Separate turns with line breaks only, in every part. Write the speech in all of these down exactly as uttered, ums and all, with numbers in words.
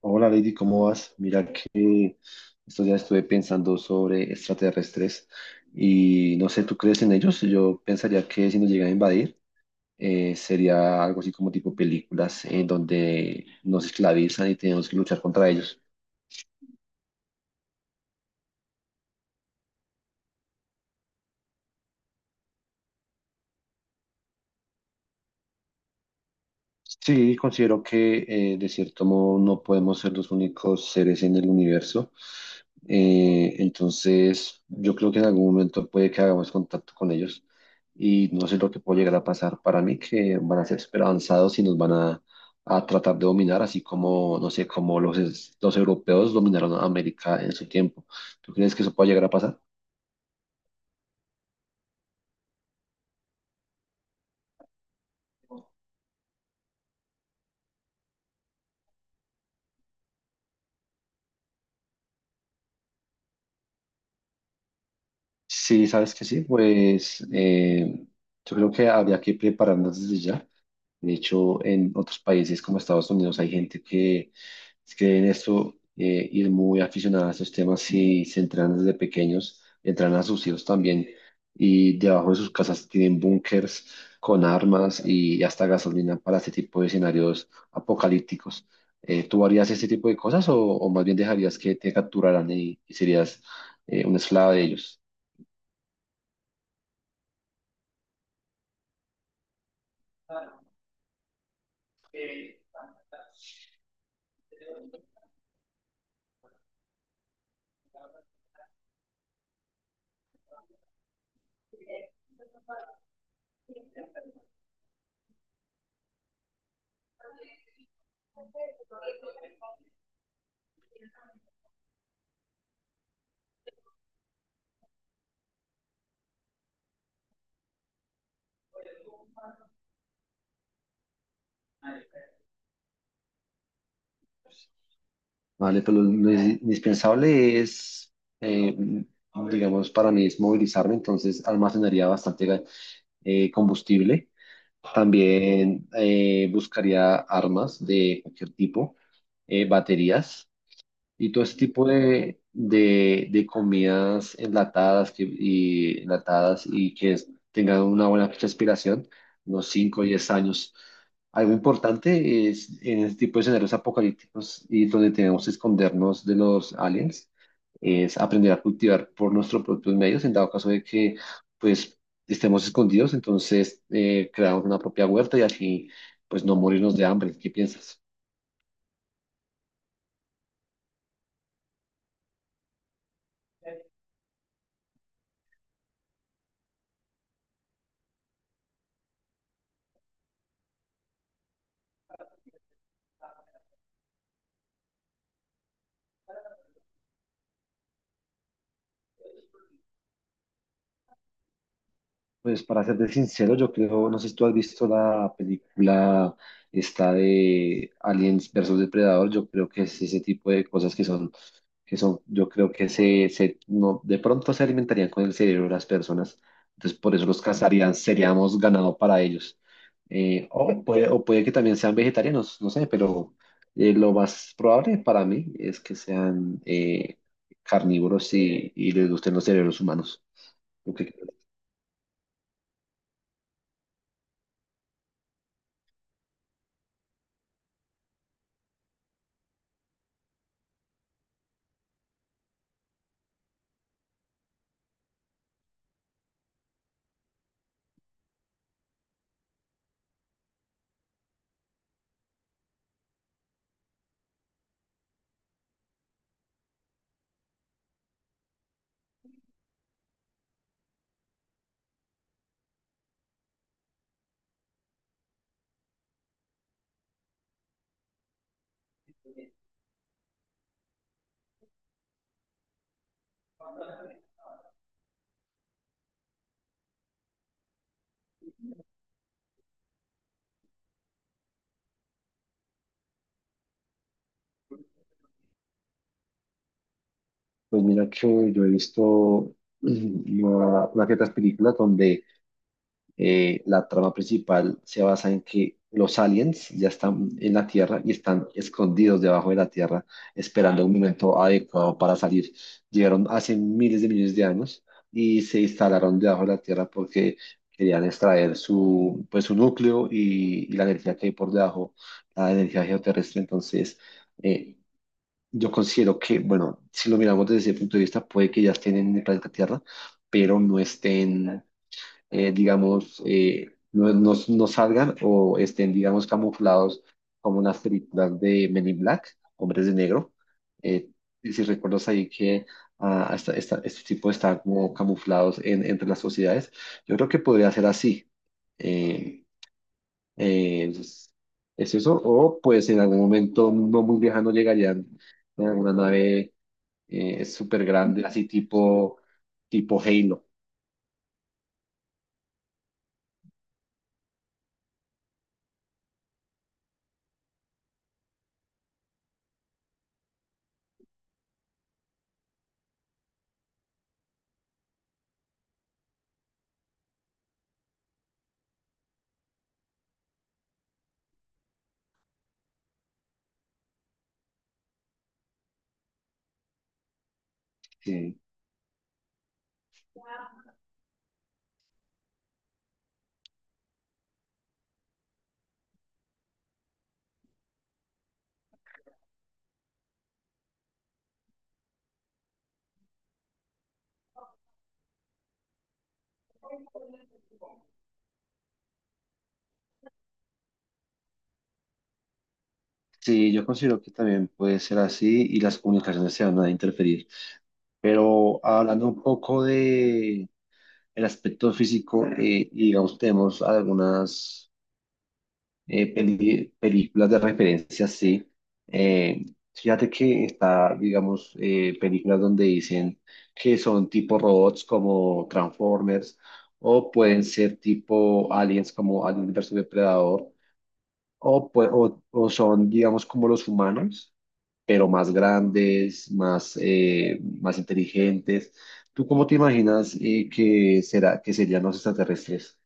Hola Lady, ¿cómo vas? Mira que estos días estuve pensando sobre extraterrestres y no sé, ¿tú crees en ellos? Yo pensaría que si nos llegan a invadir eh, sería algo así como tipo películas en donde nos esclavizan y tenemos que luchar contra ellos. Sí, considero que eh, de cierto modo no podemos ser los únicos seres en el universo. Eh, entonces, yo creo que en algún momento puede que hagamos contacto con ellos y no sé lo que puede llegar a pasar. Para mí que van a ser súper avanzados y nos van a, a tratar de dominar, así como, no sé, como los, es- los europeos dominaron a América en su tiempo. ¿Tú crees que eso puede llegar a pasar? Sí, sabes que sí, pues eh, yo creo que habría que prepararnos desde ya. De hecho, en otros países como Estados Unidos hay gente que es que en esto eh, ir muy aficionada a estos temas y se entrenan desde pequeños, entrenan a sus hijos también y debajo de sus casas tienen búnkers con armas y hasta gasolina para este tipo de escenarios apocalípticos. Eh, ¿tú harías este tipo de cosas o, o más bien dejarías que te capturaran y, y serías eh, una esclava de ellos? Vale, pero lo in- indispensable es, eh, digamos, para mí es movilizarme, entonces almacenaría bastante ga- eh, combustible. También eh, buscaría armas de cualquier tipo, eh, baterías. Y todo ese tipo de, de, de comidas enlatadas, que, y, enlatadas y que es- tengan una buena fecha de expiración, unos cinco o diez años. Algo importante es en este tipo de escenarios apocalípticos y donde tenemos que escondernos de los aliens, es aprender a cultivar por nuestros propios medios, en dado caso de que pues estemos escondidos, entonces eh, creamos una propia huerta y así pues no morirnos de hambre. ¿Qué piensas? Pues para serte sincero, yo creo, no sé si tú has visto la película esta de Aliens versus Depredador, yo creo que es ese tipo de cosas que son, que son, yo creo que se, se no, de pronto se alimentarían con el cerebro de las personas, entonces por eso los cazarían, seríamos ganado para ellos. Eh, o puede, o puede que también sean vegetarianos, no sé, pero eh, lo más probable para mí es que sean eh, carnívoros y, y les gusten los cerebros humanos. Pues mira que yo he visto mm, una, una que otras películas donde eh, la trama principal se basa en que los aliens ya están en la Tierra y están escondidos debajo de la Tierra, esperando un momento adecuado para salir. Llegaron hace miles de millones de años y se instalaron debajo de la Tierra porque querían extraer su, pues, su núcleo y, y la energía que hay por debajo, la energía geoterrestre. Entonces, eh, yo considero que, bueno, si lo miramos desde ese punto de vista, puede que ya estén en el planeta Tierra, pero no estén, eh, digamos, eh, no, no- no salgan o estén, digamos, camuflados como unas películas de Men in Black, Hombres de Negro. Eh, y si recuerdas ahí que ah, esta- esta- este tipo está como camuflados en- entre las sociedades, yo creo que podría ser así. Eh, eh, entonces, es eso. O pues en algún momento no muy lejano llegarían en alguna nave eh, súper grande, así tipo, tipo Halo. Sí. Sí, yo considero que también puede ser así y las comunicaciones se van a interferir. Pero hablando un poco de el aspecto físico, eh, y digamos, tenemos algunas Eh, peli- películas de referencia, sí. Eh, Fíjate que está, digamos, eh, películas donde dicen que son tipo robots como Transformers, o pueden ser tipo aliens como Alien versus Depredador, o, pue- o, o son, digamos, como los humanos, pero más grandes, más, eh, más inteligentes. ¿Tú cómo te imaginas eh, que será, que serían los extraterrestres?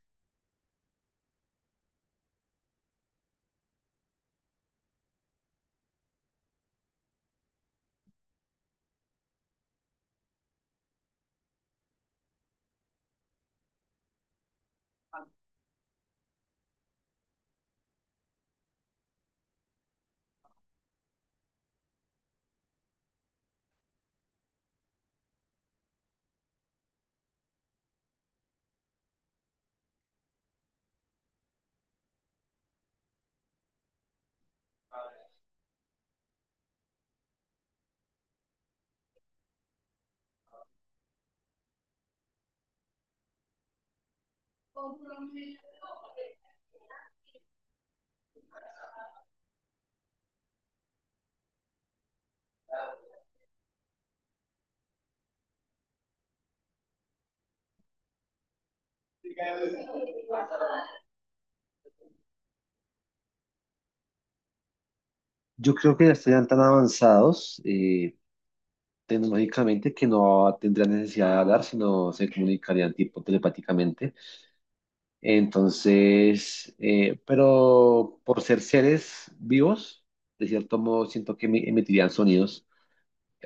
Yo creo que ya estarían tan avanzados, eh, tecnológicamente que no tendrían necesidad de hablar, sino se comunicarían tipo telepáticamente. Entonces, eh, pero por ser seres vivos, de cierto modo siento que emi- emitirían sonidos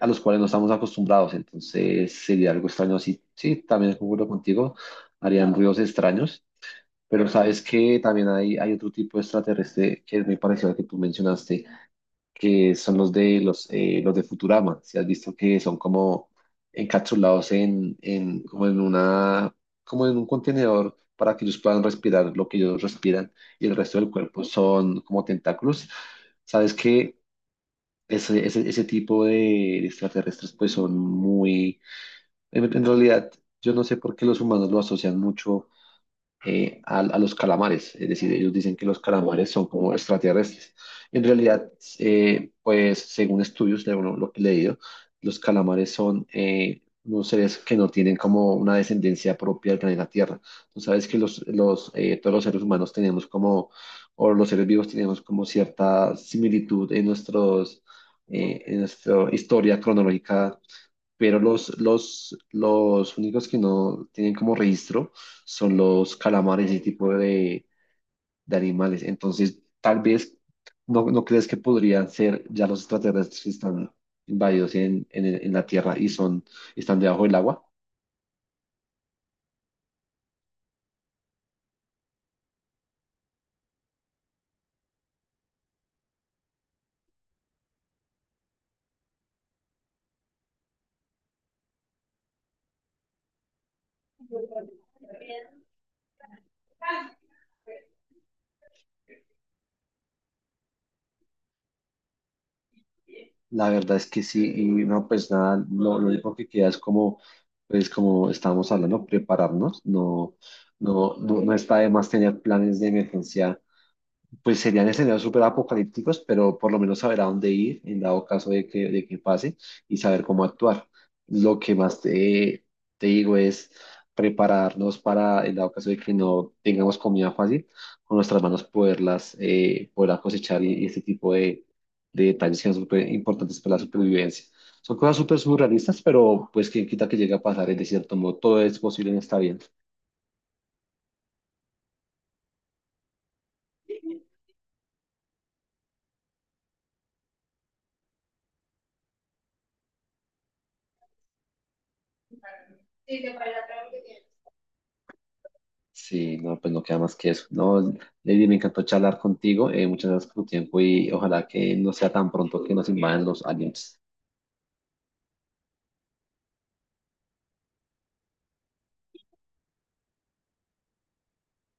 a los cuales no estamos acostumbrados, entonces sería algo extraño así. Sí, también concuerdo contigo, harían ruidos extraños, pero sabes que también hay, hay otro tipo de extraterrestre que es muy parecido al que tú mencionaste que son los de los, eh, los de Futurama. Si has visto que son como encapsulados en, en, como en una, como en un contenedor para que ellos puedan respirar lo que ellos respiran y el resto del cuerpo son como tentáculos. Sabes que ese, ese, ese tipo de extraterrestres pues son muy, en, en realidad yo no sé por qué los humanos lo asocian mucho eh, a, a los calamares. Es decir, ellos dicen que los calamares son como extraterrestres. En realidad, eh, pues según estudios, de uno- lo que he leído, los calamares son eh, unos seres que no tienen como una descendencia propia del planeta Tierra. Tú sabes que los, los, eh, todos los seres humanos tenemos como, o los seres vivos tenemos como cierta similitud en nuestros... eh, en nuestra historia cronológica, pero los, los, los únicos que no tienen como registro son los calamares, ese tipo de, de animales. Entonces, tal vez, ¿no, no crees que podrían ser ya los extraterrestres que están invadidos en, en, en la Tierra y son, están debajo del agua? La verdad es que sí, y no, pues nada, lo, lo único que queda es como, pues como estábamos hablando, prepararnos, no, no, no, no está de más tener planes de emergencia, pues serían escenarios súper apocalípticos, pero por lo menos saber a dónde ir en dado caso de que, de que pase y saber cómo actuar. Lo que más te, te digo es prepararnos para, en dado caso de que no tengamos comida fácil, con nuestras manos poderlas, eh, poderlas cosechar y, y este tipo de, de detalles que son súper importantes para la supervivencia. Son cosas súper surrealistas, pero pues quien quita que llegue a pasar, es de cierto modo, todo es posible en esta vida. Sí, no, pues no queda más que eso. No, Lady, me encantó charlar contigo. Eh, muchas gracias por tu tiempo y ojalá que no sea tan pronto que nos invadan los aliens.